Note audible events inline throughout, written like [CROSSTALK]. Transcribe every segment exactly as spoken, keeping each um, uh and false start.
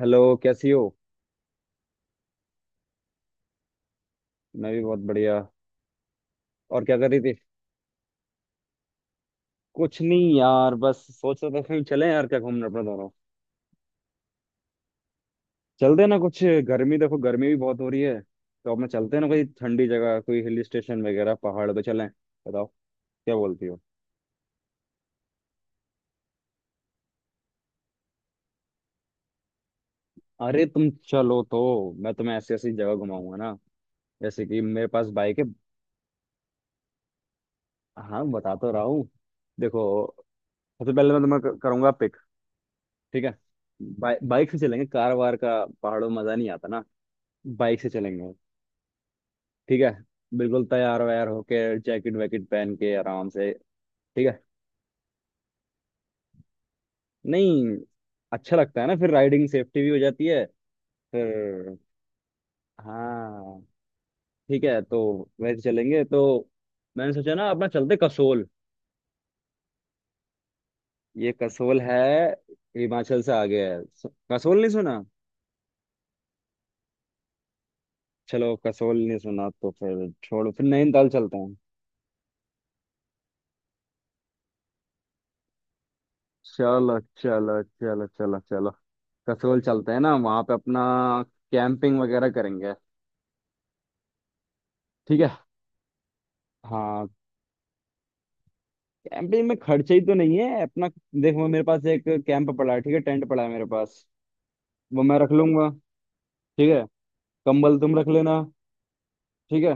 Hello, कैसी हो। मैं भी बहुत बढ़िया। और क्या कर रही थी। कुछ नहीं यार, बस सोच रहा था कहीं चले यार क्या घूमने अपने दोनों। चलते हैं ना कुछ। गर्मी देखो, गर्मी भी बहुत हो रही है, तो अपने चलते हैं ना कोई ठंडी जगह, कोई हिल स्टेशन वगैरह, पहाड़ पे चलें। बताओ क्या बोलती हो। अरे तुम चलो तो। मैं तुम्हें ऐसी ऐसी जगह घुमाऊंगा ना। जैसे कि मेरे पास बाइक है। हाँ, बता तो रहा हूँ। देखो, सबसे पहले मैं तुम्हें क- करूंगा पिक। ठीक है। बाइ- बाइक से चलेंगे, कार वार का पहाड़ों में मजा नहीं आता ना। बाइक से चलेंगे। ठीक है। बिल्कुल तैयार वैयार होके, जैकेट वैकेट पहन के आराम से। ठीक है। नहीं, अच्छा लगता है ना, फिर राइडिंग सेफ्टी भी हो जाती है। फिर हाँ, ठीक है तो। वैसे चलेंगे तो मैंने सोचा ना, अपना चलते कसोल। ये कसोल है, हिमाचल से आगे है। स- कसोल नहीं सुना। चलो, कसोल नहीं सुना तो फिर छोड़ो, फिर नैनीताल चलते हैं। चलो चलो चलो चलो चलो, कसोल चलते हैं ना, वहां पे अपना कैंपिंग वगैरह करेंगे। ठीक है। हाँ, कैंपिंग में खर्चा ही तो नहीं है अपना। देखो, मेरे पास एक कैंप पड़ा है, ठीक है, टेंट पड़ा है मेरे पास। वो मैं रख लूंगा। ठीक है। कंबल तुम रख लेना। ठीक है।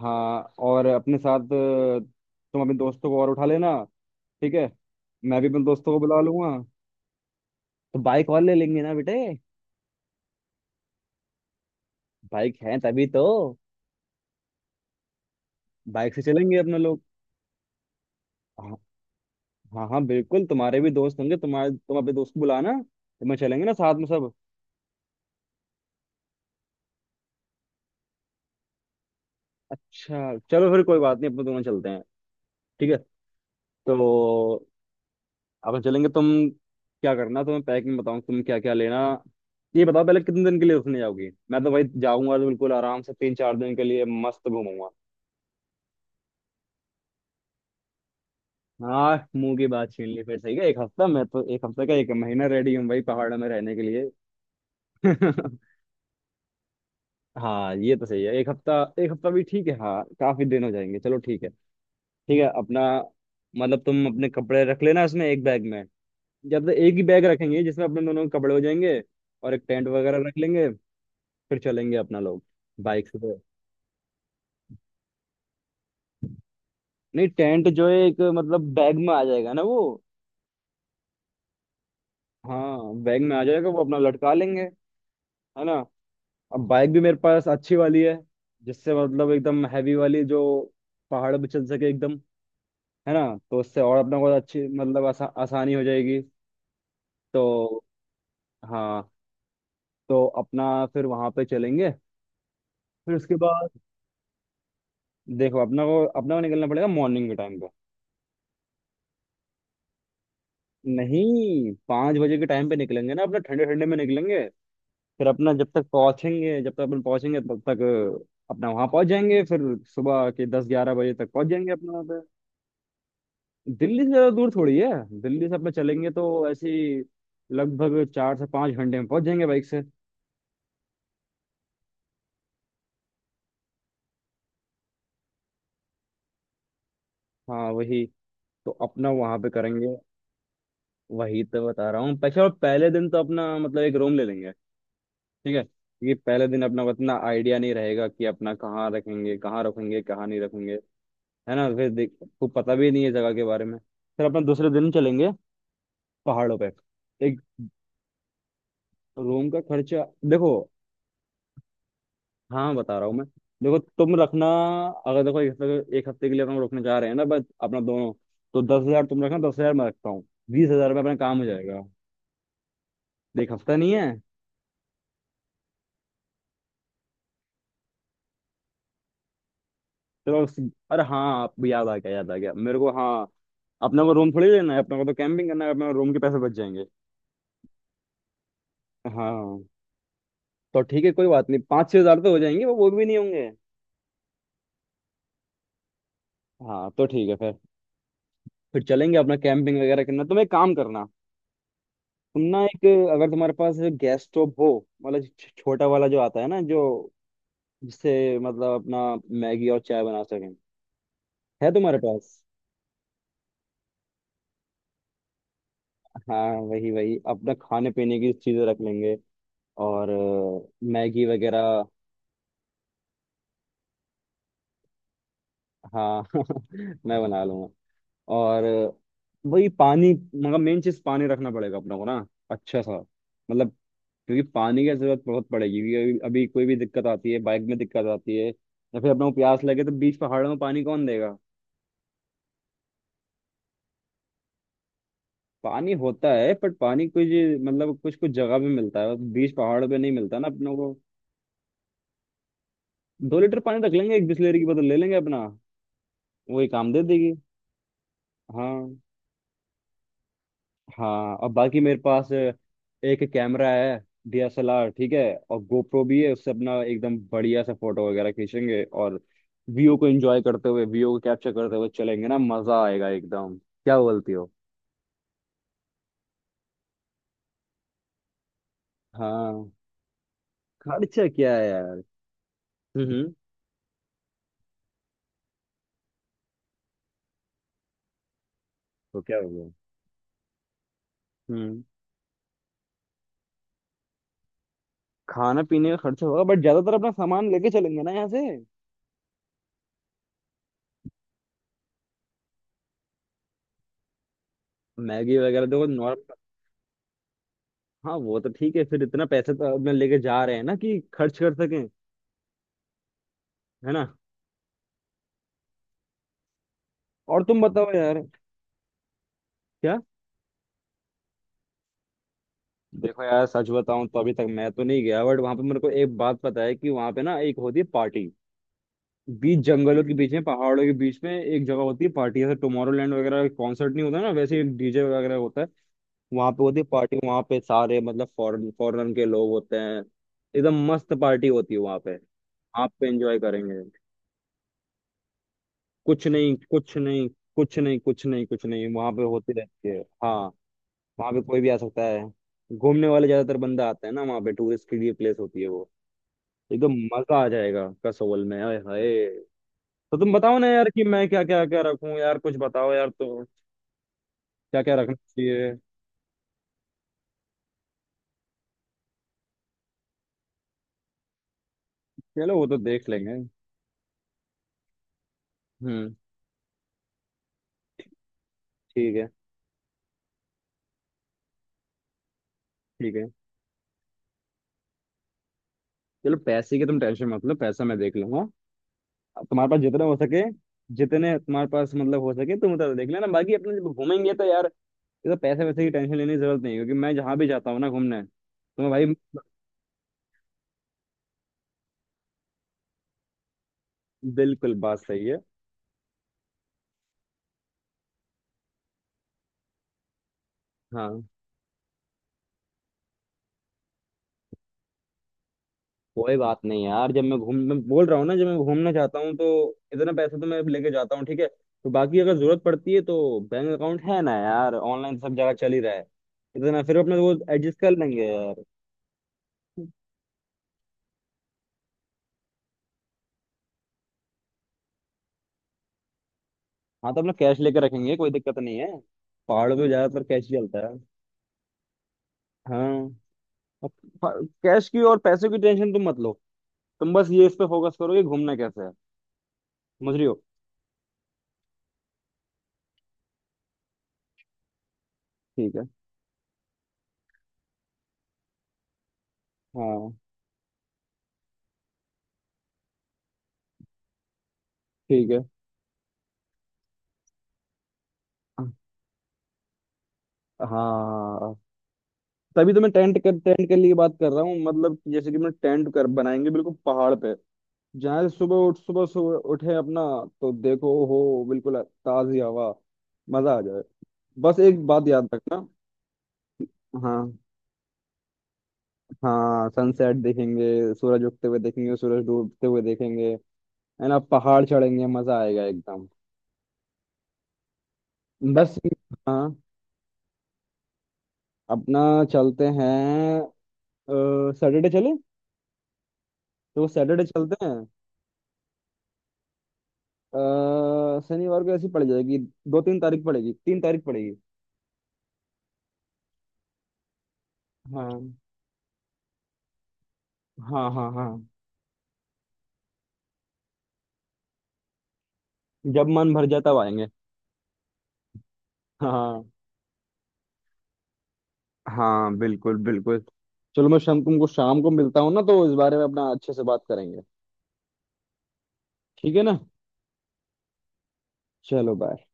हाँ, और अपने साथ अ, तुम अपने दोस्तों को और उठा लेना। ठीक है। मैं भी अपने दोस्तों को बुला लूंगा। तो बाइक और ले लेंगे ना बेटे। बाइक है तभी तो। बाइक से चलेंगे अपने लोग। हाँ हाँ हाँ, बिल्कुल, तुम्हारे भी दोस्त होंगे तुम्हारे, तुम अपने दोस्त को बुलाना, तो मैं चलेंगे ना साथ में सब। अच्छा चलो, फिर कोई बात नहीं, अपन दोनों चलते हैं। ठीक है। तो अपन चलेंगे। तुम क्या करना, तुम्हें पैकिंग बताऊँ तुम क्या क्या लेना। ये बताओ पहले कितने दिन के लिए उसने जाओगी। मैं तो भाई जाऊंगा तो बिल्कुल आराम से तीन चार दिन के लिए मस्त घूमूंगा। हाँ मुंह की बात छीन ली, फिर सही है एक हफ्ता, मैं तो एक हफ्ते का, एक महीना रेडी हूँ भाई पहाड़ में रहने के लिए। [LAUGHS] हाँ ये तो सही है, एक हफ्ता। एक हफ्ता भी ठीक है, हाँ, काफी दिन हो जाएंगे। चलो ठीक है। ठीक है। अपना मतलब तुम अपने कपड़े रख लेना इसमें, एक बैग में। जब तक एक ही बैग रखेंगे जिसमें अपने दोनों के कपड़े हो जाएंगे। और एक टेंट वगैरह रख लेंगे, फिर चलेंगे अपना लोग बाइक से तो। नहीं, टेंट जो है एक मतलब बैग में आ जाएगा ना वो। हाँ बैग में आ जाएगा, वो अपना लटका लेंगे, है ना। अब बाइक भी मेरे पास अच्छी वाली है, जिससे मतलब एकदम हैवी वाली जो पहाड़ पे चल सके एकदम, है ना। तो उससे और अपना को अच्छी मतलब आसा, आसानी हो जाएगी तो। हाँ, तो अपना फिर वहां पे चलेंगे। फिर उसके बाद देखो, अपना को अपना को निकलना पड़ेगा मॉर्निंग के टाइम पे। नहीं, पाँच बजे के टाइम पे निकलेंगे ना अपना, ठंडे ठंडे में निकलेंगे। फिर अपना जब तक पहुंचेंगे, जब तक अपन पहुंचेंगे तब तक अपना वहां पहुंच जाएंगे। फिर सुबह के दस ग्यारह बजे तक पहुंच जाएंगे अपना वहाँ पे। दिल्ली से ज्यादा दूर थोड़ी है। दिल्ली से अपना चलेंगे तो ऐसे ही लगभग चार से पाँच घंटे में पहुंच जाएंगे बाइक से। हाँ वही। तो अपना वहां पे करेंगे। वही तो बता रहा हूँ। पैसे, और पहले दिन तो अपना मतलब एक रूम ले लेंगे, ठीक है, क्योंकि पहले दिन अपना को इतना आइडिया नहीं रहेगा कि अपना कहाँ रखेंगे, कहाँ रखेंगे, कहाँ नहीं रखेंगे। है ना, फिर देख को पता भी नहीं है जगह के बारे में। फिर अपना दूसरे दिन चलेंगे पहाड़ों पे। एक रूम का खर्चा, देखो। हाँ बता रहा हूँ मैं। देखो तुम रखना, अगर देखो एक हफ्ते, एक हफ्ते के लिए अपन रुकने जा रहे हैं ना बस अपना दोनों, तो दस हजार तुम रखना, दस हजार मैं रखता हूँ। बीस हजार में अपना काम हो जाएगा। देख हफ्ता नहीं है। चलो उस- अरे हाँ आप याद आ गया, याद आ गया मेरे को, हाँ, अपने को रूम थोड़ी लेना है, अपने को तो कैंपिंग करना है, अपने रूम के पैसे बच जाएंगे। हाँ तो ठीक है, कोई बात नहीं, पाँच छह हजार तो हो जाएंगे, वो वो भी नहीं होंगे। हाँ तो ठीक है फिर। फिर चलेंगे अपना, कैंपिंग वगैरह करना। तुम एक काम करना, तुम ना एक, अगर तुम्हारे पास गैस स्टोव हो, मतलब छ- छोटा वाला जो आता है ना, जो जिससे मतलब अपना मैगी और चाय बना सकें। है तुम्हारे पास। हाँ वही वही, अपना खाने पीने की चीजें रख लेंगे और अ, मैगी वगैरह। हाँ, [LAUGHS] मैं बना लूंगा। और अ, वही पानी, मतलब मेन चीज पानी रखना पड़ेगा अपने को ना, अच्छा सा। मतलब क्योंकि पानी की जरूरत बहुत पड़ेगी, क्योंकि अभी अभी कोई भी दिक्कत आती है, बाइक में दिक्कत आती है, या फिर अपने को प्यास लगे, तो बीच पहाड़ों में पानी कौन देगा। पानी होता है, बट पानी कुछ, मतलब कुछ कुछ जगह पे मिलता है, बीच पहाड़ पे नहीं मिलता ना अपनों को। दो लीटर पानी रख लेंगे, एक बिसलेरी की बोतल ले लेंगे अपना, वही काम दे देगी। हाँ। हाँ, और बाकी मेरे पास एक कैमरा है, डी एस एल आर, ठीक है, और गोप्रो भी है। उससे अपना एकदम बढ़िया सा फोटो वगैरह खींचेंगे, और व्यू को एंजॉय करते हुए, व्यू को कैप्चर करते हुए चलेंगे ना, मजा आएगा एकदम। क्या बोलती हो। हाँ, खर्चा क्या है यार। हम्म। तो क्या हो गया, खाना पीने का खर्चा होगा बट ज्यादातर अपना सामान लेके चलेंगे ना यहाँ से, मैगी वगैरह, देखो नॉर्मल। हाँ वो तो ठीक है, फिर इतना पैसे तो अपने लेके जा रहे हैं ना कि खर्च कर सकें, है ना। और तुम बताओ यार। क्या। देखो यार, सच बताऊं तो अभी तक मैं तो नहीं गया, बट वहां पे मेरे को एक बात पता है कि वहां पे ना एक होती है पार्टी, बीच जंगलों के बीच में, पहाड़ों के बीच में एक जगह होती है पार्टी, जैसे टुमारोलैंड वगैरह कॉन्सर्ट नहीं होता ना, वैसे एक डीजे वगैरह होता है। वहां पे होती है पार्टी, वहां पे सारे मतलब फॉरेन फॉरेन के लोग होते हैं। एकदम मस्त पार्टी होती है वहां पे। आप पे एंजॉय करेंगे। कुछ नहीं, कुछ नहीं, कुछ नहीं, कुछ नहीं, कुछ नहीं, वहां पे होती रहती है हाँ। वहां पे कोई भी आ सकता है, घूमने वाले ज्यादातर बंदा आते हैं ना, वहां पे टूरिस्ट के लिए प्लेस होती है वो। एकदम मजा आ जाएगा कसोल में, आए हाय। तो तुम बताओ ना यार कि मैं क्या क्या क्या रखूं यार, कुछ बताओ यार तो क्या क्या रखना चाहिए। चलो वो तो देख लेंगे। हम्म, ठीक है। ठीक है, चलो, पैसे की तुम टेंशन मत लो, पैसा मैं देख लूंगा। तुम्हारे पास जितना हो सके, जितने तुम्हारे पास मतलब हो सके तुम उतना देख लेना, बाकी अपने जब घूमेंगे तो यार, ये तो पैसे वैसे की टेंशन लेने की जरूरत नहीं है, क्योंकि मैं जहाँ भी जाता हूँ ना घूमने तो भाई। बिल्कुल बात सही है। हाँ, कोई बात नहीं यार, जब मैं घूम मैं बोल रहा हूँ ना, जब मैं घूमना चाहता हूँ तो इतना पैसा तो मैं लेके जाता हूँ, ठीक है। तो बाकी अगर जरूरत पड़ती है तो बैंक अकाउंट है ना यार, ऑनलाइन सब जगह चल ही रहा है, इतना फिर अपने वो एडजस्ट कर लेंगे यार। हाँ तो अपना कैश लेके रखेंगे, कोई दिक्कत नहीं है, पहाड़ों में ज्यादातर कैश ही चलता है। हाँ, कैश की और पैसे की टेंशन तुम मत लो, तुम बस ये इस पे फोकस करो कि घूमना कैसे है, समझ रही हो। ठीक है। हाँ। ठीक है। हाँ, तभी तो मैं टेंट कर टेंट के लिए बात कर रहा हूँ, मतलब कि जैसे कि मैं टेंट कर बनाएंगे बिल्कुल पहाड़ पे, जहाँ से सुबह उठ सुबह सुबह उठे अपना तो देखो, हो बिल्कुल ताजी हवा, मजा आ जाए। बस एक बात याद रखना। हाँ। हाँ, सनसेट देखेंगे, सूरज उगते हुए देखेंगे, सूरज डूबते हुए देखेंगे, है ना, पहाड़ चढ़ेंगे, मजा आएगा एकदम। बस। हाँ, अपना चलते हैं, सैटरडे चले तो सैटरडे चलते हैं। अ, शनिवार को ऐसी पड़ जाएगी, दो तीन तारीख पड़ेगी, तीन तारीख पड़ेगी। हाँ। हाँ हाँ हाँ। जब मन भर जाए तब आएंगे। हाँ, हाँ बिल्कुल बिल्कुल। चलो, मैं शाम तुमको शाम को मिलता हूँ ना तो, इस बारे में अपना अच्छे से बात करेंगे। ठीक है ना। चलो बाय।